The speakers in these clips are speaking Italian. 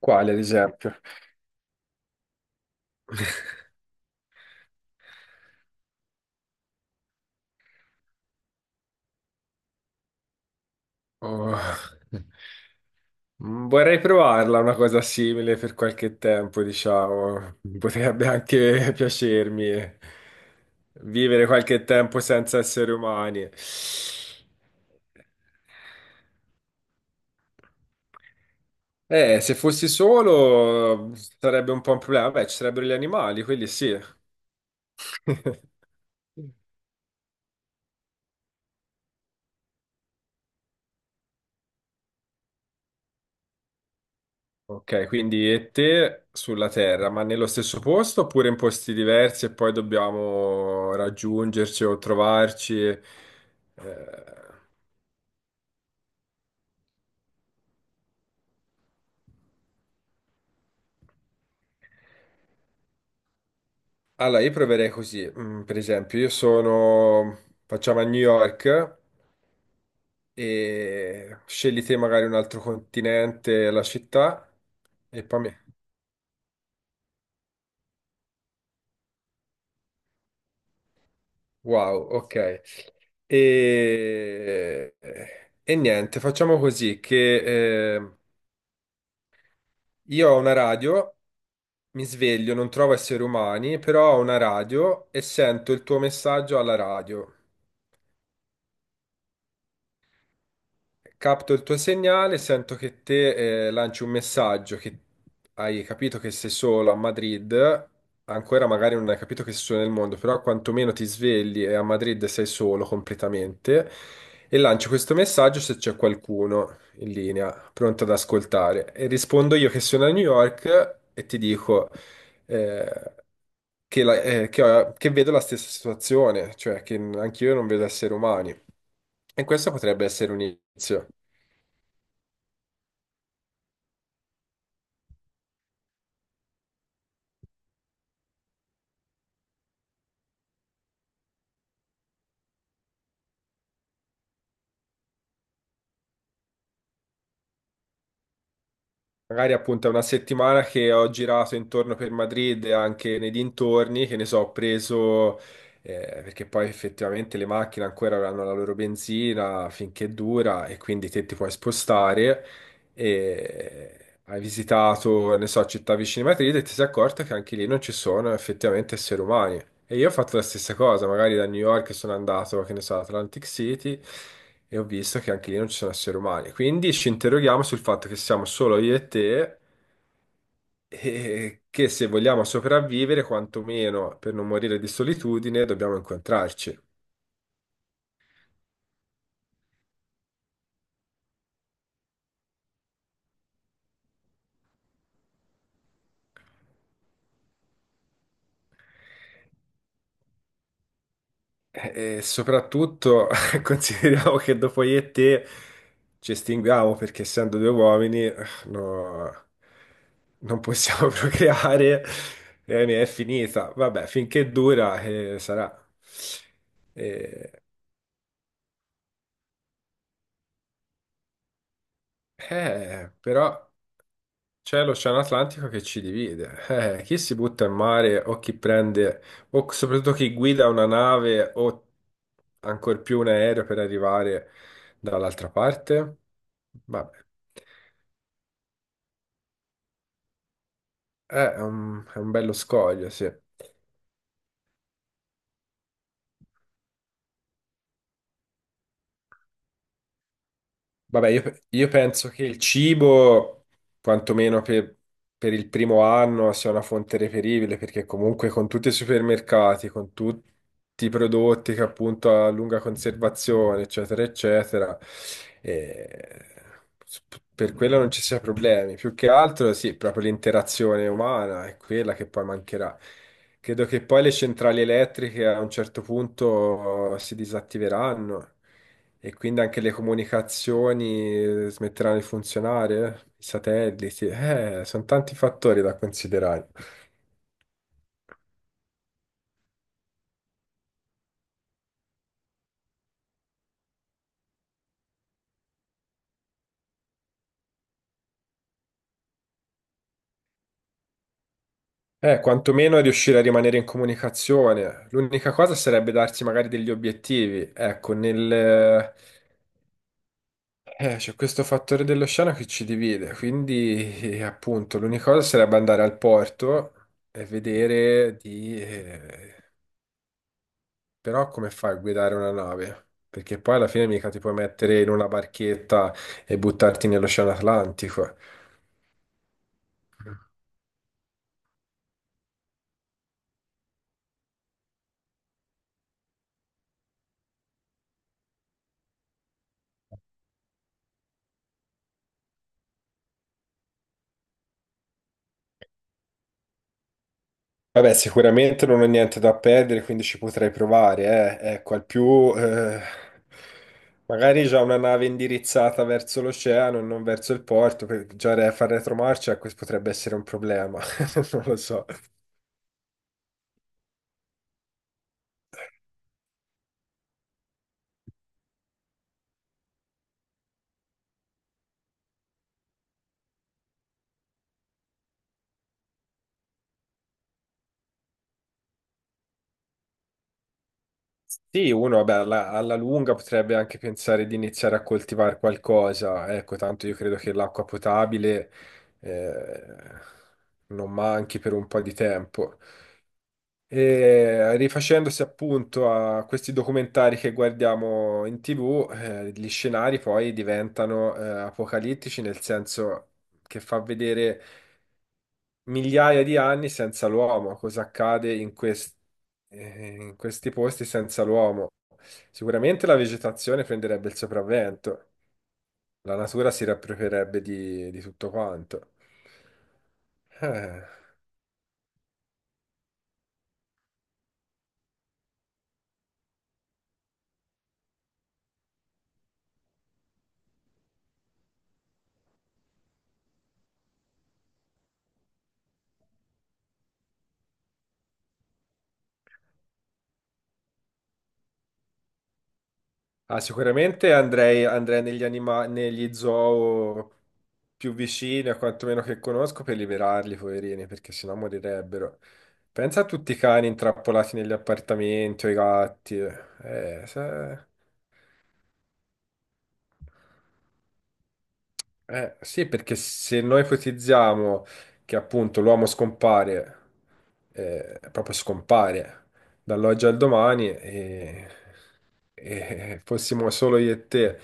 Quale, ad esempio? Oh. Vorrei provarla una cosa simile per qualche tempo, diciamo. Potrebbe anche piacermi. Vivere qualche tempo senza esseri umani. Se fossi solo sarebbe un po' un problema. Beh, ci sarebbero gli animali, quelli sì. Ok, quindi e te sulla Terra, ma nello stesso posto oppure in posti diversi e poi dobbiamo raggiungerci o trovarci? Allora, io proverei così. Per esempio, io sono, facciamo a New York e scegli te magari un altro continente, la città e poi mi... Wow, ok. E, e niente, facciamo così che... io ho una radio, mi sveglio, non trovo esseri umani, però ho una radio e sento il tuo messaggio alla radio. Capto il tuo segnale, sento che te lanci un messaggio che hai capito che sei solo a Madrid, ancora magari non hai capito che sei solo nel mondo, però quantomeno ti svegli e a Madrid sei solo completamente e lancio questo messaggio se c'è qualcuno in linea, pronto ad ascoltare. E rispondo io che sono a New York e ti dico... eh, che vedo la stessa situazione, cioè che anch'io non vedo esseri umani. E questo potrebbe essere un inizio. Magari appunto è una settimana che ho girato intorno per Madrid e anche nei dintorni, che ne so, ho preso, perché poi effettivamente le macchine ancora avranno la loro benzina finché dura e quindi te ti puoi spostare. E hai visitato, ne so, città vicine a Madrid e ti sei accorta che anche lì non ci sono effettivamente esseri umani. E io ho fatto la stessa cosa, magari da New York sono andato, che ne so, ad Atlantic City e ho visto che anche lì non ci sono esseri umani. Quindi ci interroghiamo sul fatto che siamo solo io e te e che se vogliamo sopravvivere, quantomeno per non morire di solitudine, dobbiamo incontrarci. E soprattutto consideriamo che dopo io e te ci estinguiamo perché essendo due uomini no, non possiamo procreare e mi è finita. Vabbè, finché dura sarà. Eh, però c'è l'Oceano Atlantico che ci divide. Chi si butta in mare o chi prende, o soprattutto chi guida una nave o ancora più un aereo per arrivare dall'altra parte? Vabbè, eh, è un bello scoglio, sì. Vabbè, io penso che il cibo, quantomeno per, per il primo anno, sia una fonte reperibile, perché comunque con tutti i supermercati, con tutti i prodotti che appunto a lunga conservazione, eccetera, eccetera, eh, per quello non ci sia problemi. Più che altro, sì, proprio l'interazione umana è quella che poi mancherà. Credo che poi le centrali elettriche a un certo punto si disattiveranno. E quindi anche le comunicazioni smetteranno di funzionare? I satelliti? Sono tanti fattori da considerare. Quantomeno riuscire a rimanere in comunicazione. L'unica cosa sarebbe darsi magari degli obiettivi. Ecco, nel... c'è questo fattore dell'oceano che ci divide, quindi appunto l'unica cosa sarebbe andare al porto e vedere di... però come fai a guidare una nave? Perché poi alla fine mica ti puoi mettere in una barchetta e buttarti nell'Oceano Atlantico. Vabbè, sicuramente non ho niente da perdere, quindi ci potrei provare, eh. Ecco, al più, magari già una nave indirizzata verso l'oceano e non verso il porto, perché già far retromarcia questo potrebbe essere un problema, non lo so. Sì, uno vabbè, alla lunga potrebbe anche pensare di iniziare a coltivare qualcosa. Ecco, tanto io credo che l'acqua potabile eh, non manchi per un po' di tempo. E rifacendosi appunto a questi documentari che guardiamo in TV, gli scenari poi diventano apocalittici, nel senso che fa vedere migliaia di anni senza l'uomo, cosa accade in in questi posti senza l'uomo. Sicuramente la vegetazione prenderebbe il sopravvento, la natura si riapproprierebbe di tutto quanto. Eh. Ah, sicuramente andrei, negli zoo più vicini, a quantomeno che conosco, per liberarli, poverini, perché sennò morirebbero. Pensa a tutti i cani intrappolati negli appartamenti o i gatti. Se- eh, sì, perché se noi ipotizziamo che appunto l'uomo scompare, proprio scompare dall'oggi al domani e fossimo solo io e te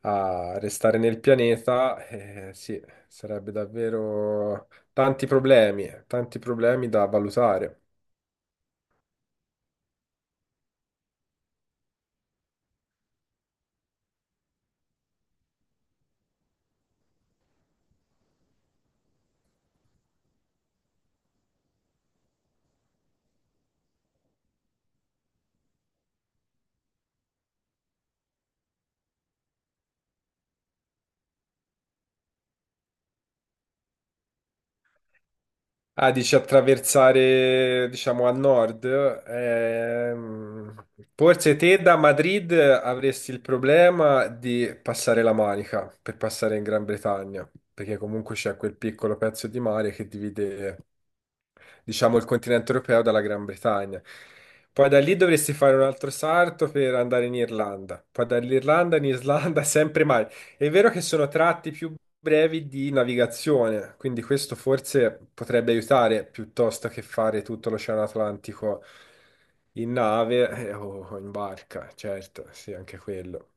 a restare nel pianeta, sì, sarebbe davvero tanti problemi da valutare. Ah, dici attraversare, diciamo, a nord. Ehm, forse te da Madrid avresti il problema di passare la Manica per passare in Gran Bretagna, perché comunque c'è quel piccolo pezzo di mare che divide diciamo, il continente europeo dalla Gran Bretagna. Poi da lì dovresti fare un altro salto per andare in Irlanda, poi dall'Irlanda in Islanda, sempre mare. È vero che sono tratti più brevi di navigazione, quindi questo forse potrebbe aiutare piuttosto che fare tutto l'Oceano Atlantico in nave o in barca, certo, sì, anche quello.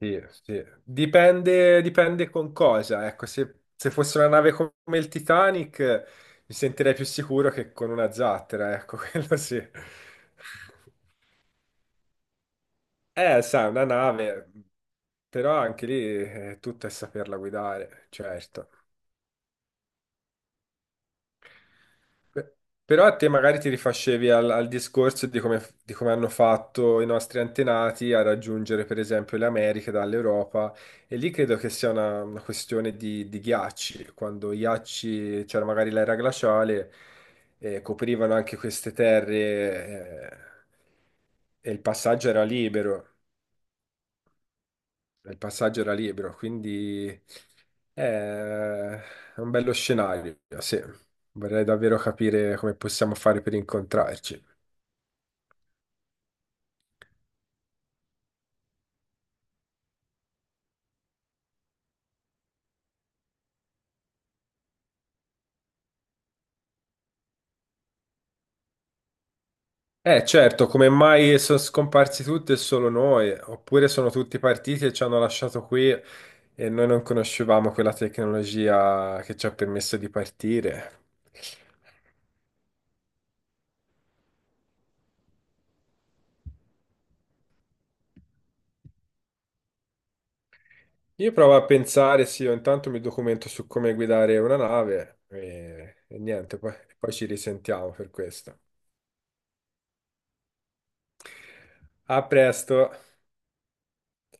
Sì, sì. Dipende, dipende con cosa. Ecco, se fosse una nave come il Titanic, mi sentirei più sicuro che con una zattera, ecco, quello sì. Sai, una nave, però anche lì tutto è saperla guidare, certo. Però a te magari ti rifaccevi al discorso di come hanno fatto i nostri antenati a raggiungere per esempio le Americhe dall'Europa e lì credo che sia una questione di ghiacci, quando i ghiacci, c'era magari l'era glaciale, coprivano anche queste terre e il passaggio era libero, il passaggio era libero, quindi è un bello scenario, sì. Vorrei davvero capire come possiamo fare per incontrarci. Eh certo, come mai sono scomparsi tutti e solo noi? Oppure sono tutti partiti e ci hanno lasciato qui e noi non conoscevamo quella tecnologia che ci ha permesso di partire? Io provo a pensare, sì, io intanto mi documento su come guidare una nave e niente, poi, poi ci risentiamo per questo. A presto!